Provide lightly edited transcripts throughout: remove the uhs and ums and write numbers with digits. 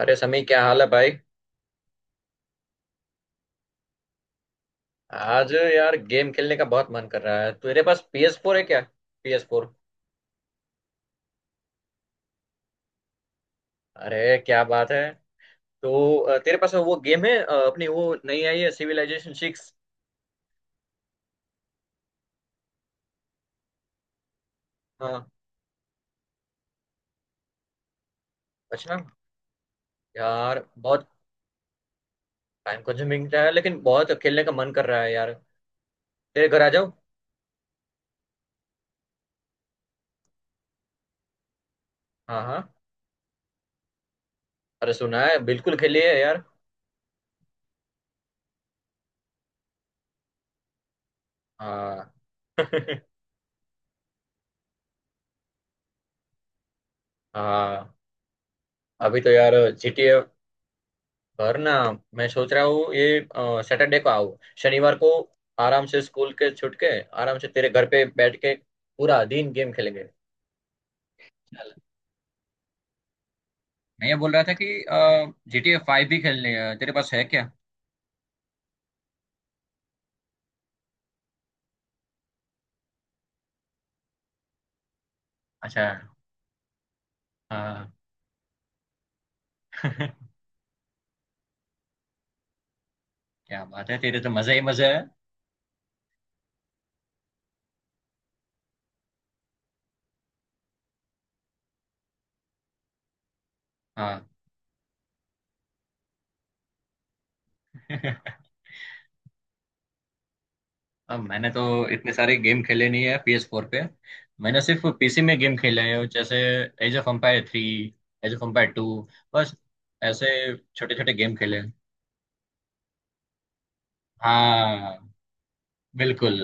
अरे समी, क्या हाल है भाई। आज यार गेम खेलने का बहुत मन कर रहा है, तेरे पास PS4 फोर है क्या? PS4 फोर अरे क्या बात है। तो तेरे पास वो गेम है, अपनी वो नई आई है सिविलाइजेशन सिक्स। हाँ। अच्छा। यार बहुत टाइम कंज्यूमिंग है लेकिन बहुत खेलने का मन कर रहा है यार, तेरे घर आ जाओ। हाँ हाँ। अरे सुना है, बिल्कुल खेलिए यार। हाँ। हाँ। अभी तो यार। G T A. घर ना। मैं सोच रहा हूँ ये। सैटरडे को आओ, शनिवार को। आराम से स्कूल के छुट के, आराम से तेरे घर पे बैठ के पूरा दिन गेम खेलेंगे। चल। मैं ये बोल रहा था कि GTA 5 भी खेलने है, तेरे पास है क्या? अच्छा। हाँ। क्या बात है, तेरे तो मजे ही मजे है। हाँ। अब मैंने तो इतने सारे गेम खेले नहीं है PS4 फोर पे। मैंने सिर्फ पीसी में गेम खेले हैं जैसे Age of Empire three, Age of Empire two. बस, ऐसे छोटे छोटे गेम खेले हैं। हाँ, बिल्कुल।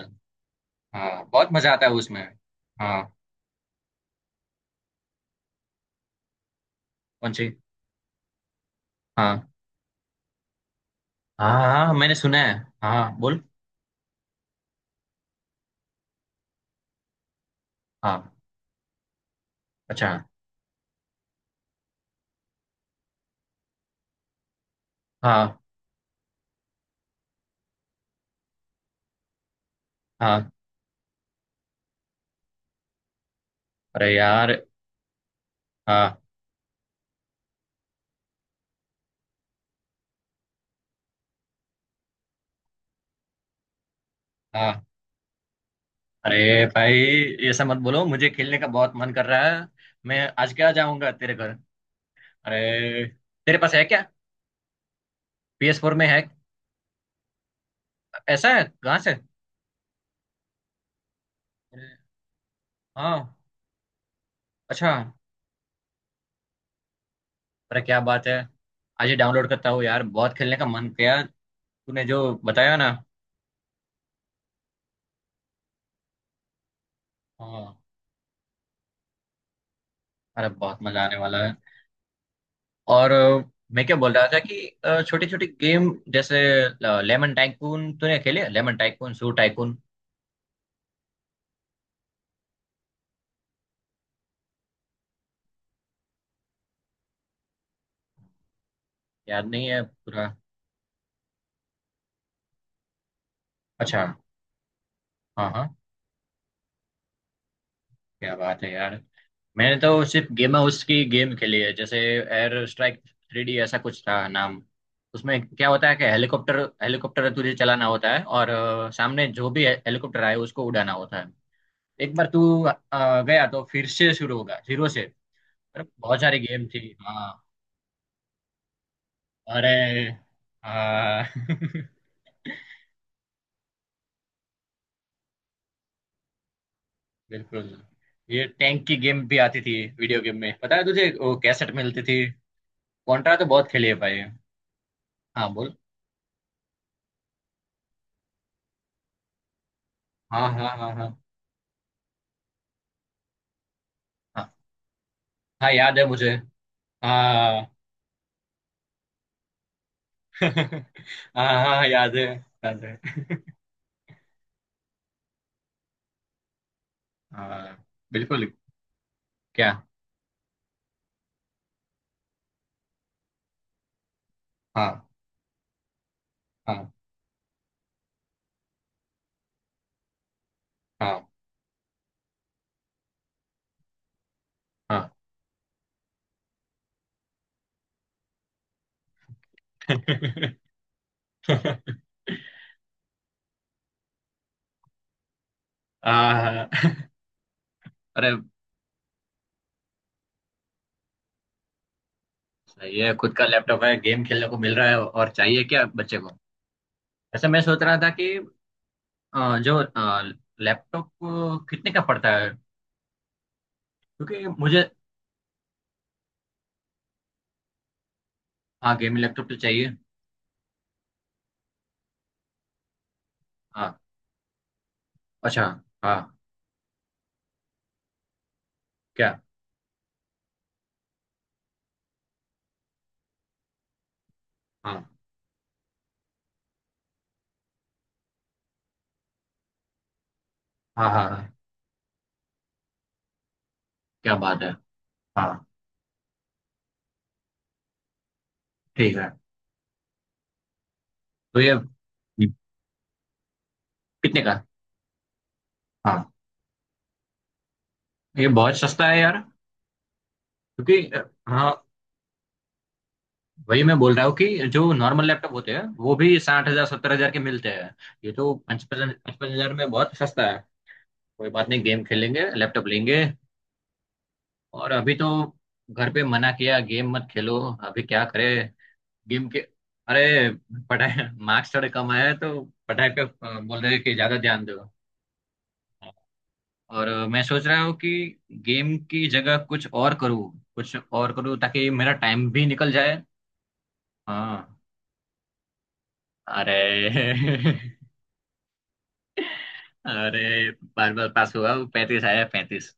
हाँ, बहुत मजा आता है उसमें। हाँ। कौन सी? हाँ हाँ हाँ, हाँ, मैंने सुना है। हाँ हाँ, बोल। हाँ। अच्छा। हाँ हाँ। अरे यार। हाँ। हाँ। अरे भाई, ये सब मत बोलो, मुझे खेलने का बहुत मन कर रहा है। मैं आज क्या जाऊंगा तेरे घर? अरे, तेरे पास है क्या? PS4 फोर में है? ऐसा है, कहाँ से? अरे, हाँ। अच्छा। अरे क्या बात है, आज ही डाउनलोड करता हूँ यार, बहुत खेलने का मन किया तूने जो बताया ना। हाँ। अरे, बहुत मजा आने वाला है। और अ, मैं क्या बोल रहा था कि छोटी छोटी गेम जैसे लेमन टाइकून, तूने खेले? लेमन टाइकून, सू टाइकून। याद नहीं है पूरा। अच्छा। हाँ हाँ। क्या बात है यार, मैंने तो सिर्फ गेम हाउस की गेम खेली है जैसे एयर स्ट्राइक 3D, ऐसा कुछ था नाम। उसमें क्या होता है कि हेलीकॉप्टर हेलीकॉप्टर तुझे चलाना होता है, और सामने जो भी हेलीकॉप्टर आए उसको उड़ाना होता है। एक बार तू गया तो फिर से शुरू होगा जीरो से। मतलब बहुत सारी गेम थी। हाँ। अरे। हाँ। बिल्कुल। ये टैंक की गेम भी आती थी वीडियो गेम में, पता है तुझे वो कैसेट मिलती थी? कॉन्ट्रा तो बहुत खेली है भाई। हाँ, बोल। हाँ हाँ हाँ हाँ। हाँ हाँ, याद है मुझे। हाँ। हाँ हाँ, याद है याद है। हाँ, बिल्कुल। क्या? हाँ हाँ हाँ। हाँ। हाँ। अरे सही है, खुद का लैपटॉप है, गेम खेलने को मिल रहा है, और चाहिए क्या बच्चे को? ऐसे मैं सोच रहा था कि जो लैपटॉप कितने का पड़ता है? क्योंकि मुझे। हाँ, गेमिंग लैपटॉप तो चाहिए। हाँ। अच्छा। हाँ। क्या? हाँ हाँ हाँ, हाँ, क्या बात है। हाँ, ठीक है। तो ये कितने का? हाँ, ये बहुत सस्ता है यार। हाँ। वही मैं बोल रहा हूँ कि जो नॉर्मल लैपटॉप होते हैं वो भी 60,000, 70,000 के मिलते हैं। ये तो पचपन 55,000 में बहुत सस्ता है। कोई बात नहीं, गेम खेलेंगे, लैपटॉप लेंगे। और अभी तो घर पे मना किया गेम मत खेलो। अभी क्या करे गेम के? अरे पढ़ाई, मार्क्स थोड़े कम आए हैं तो पढ़ाई पे बोल रहे हैं कि ज्यादा ध्यान दो। मैं सोच रहा हूँ कि गेम की जगह कुछ और करूँ, कुछ और करूँ ताकि मेरा टाइम भी निकल जाए। हाँ। अरे। अरे बार बार पास हुआ, 35 आया, 35।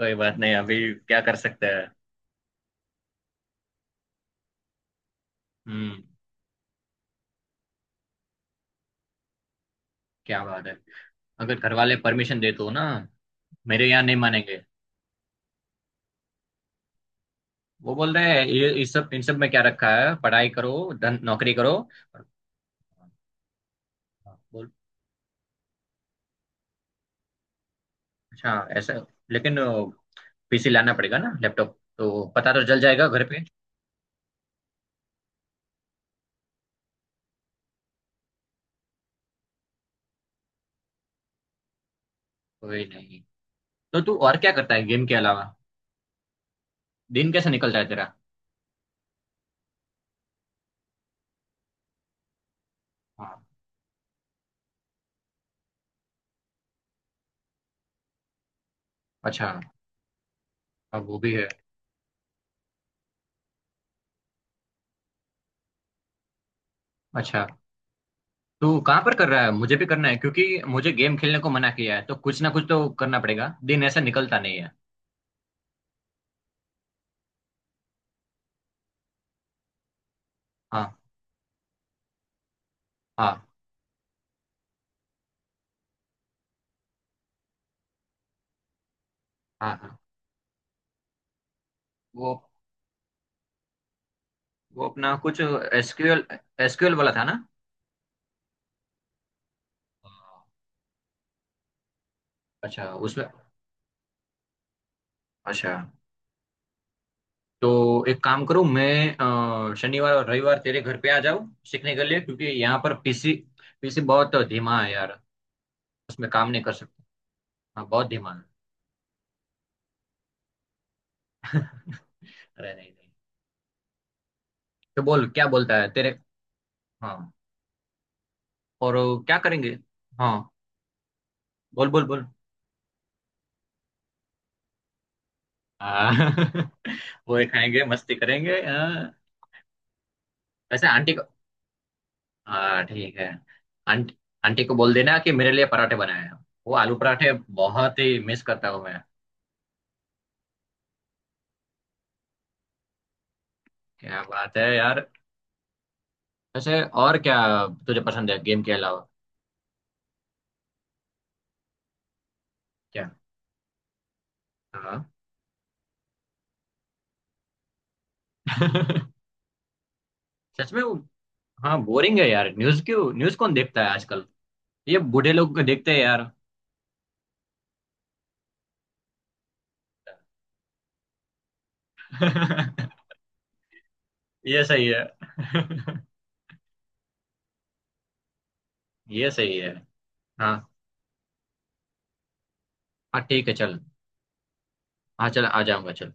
कोई बात नहीं, अभी क्या कर सकते हैं। हम्म। क्या बात है, अगर घर वाले परमिशन दे तो ना। मेरे यहाँ नहीं मानेंगे। वो बोल रहे हैं ये इस सब इन सब में क्या रखा है, पढ़ाई करो, धन नौकरी करो। हाँ, बोल। अच्छा, ऐसा। लेकिन पीसी लाना पड़ेगा ना, लैपटॉप तो पता तो चल जाएगा घर पे। कोई नहीं। तो तू और क्या करता है गेम के अलावा? दिन कैसे निकलता है तेरा? हाँ। अच्छा। अब वो भी है। अच्छा, तू कहाँ पर कर रहा है? मुझे भी करना है क्योंकि मुझे गेम खेलने को मना किया है, तो कुछ ना कुछ तो करना पड़ेगा, दिन ऐसा निकलता नहीं है। हाँ हाँ। हाँ हाँ। वो, अपना कुछ एसक्यूएल। एसक्यूएल वाला था ना? हाँ, अच्छा उसमें। अच्छा, तो एक काम करूं मैं, शनिवार और रविवार तेरे घर पे आ जाऊं सीखने के लिए, क्योंकि यहाँ पर पीसी पीसी बहुत धीमा है यार, उसमें काम नहीं कर सकता। हाँ, बहुत धीमा है। अरे नहीं नहीं। तो बोल, क्या बोलता है तेरे? हाँ। और क्या करेंगे? हाँ, बोल बोल बोल। हाँ। वो ही खाएंगे, मस्ती करेंगे, हाँ। वैसे आंटी को। हाँ, ठीक है। आंटी आंटी को बोल देना कि मेरे लिए पराठे बनाए हैं, वो आलू पराठे, बहुत ही मिस करता हूँ मैं। क्या बात है यार। वैसे और क्या तुझे पसंद है गेम के अलावा? क्या? हाँ। सच में वो। हाँ, बोरिंग है यार न्यूज, क्यों? न्यूज कौन देखता है आजकल, ये बूढ़े लोग देखते हैं यार। ये सही है। ये सही है। हाँ। हाँ, ठीक है, चल। हाँ, चल आ जाऊंगा, चल।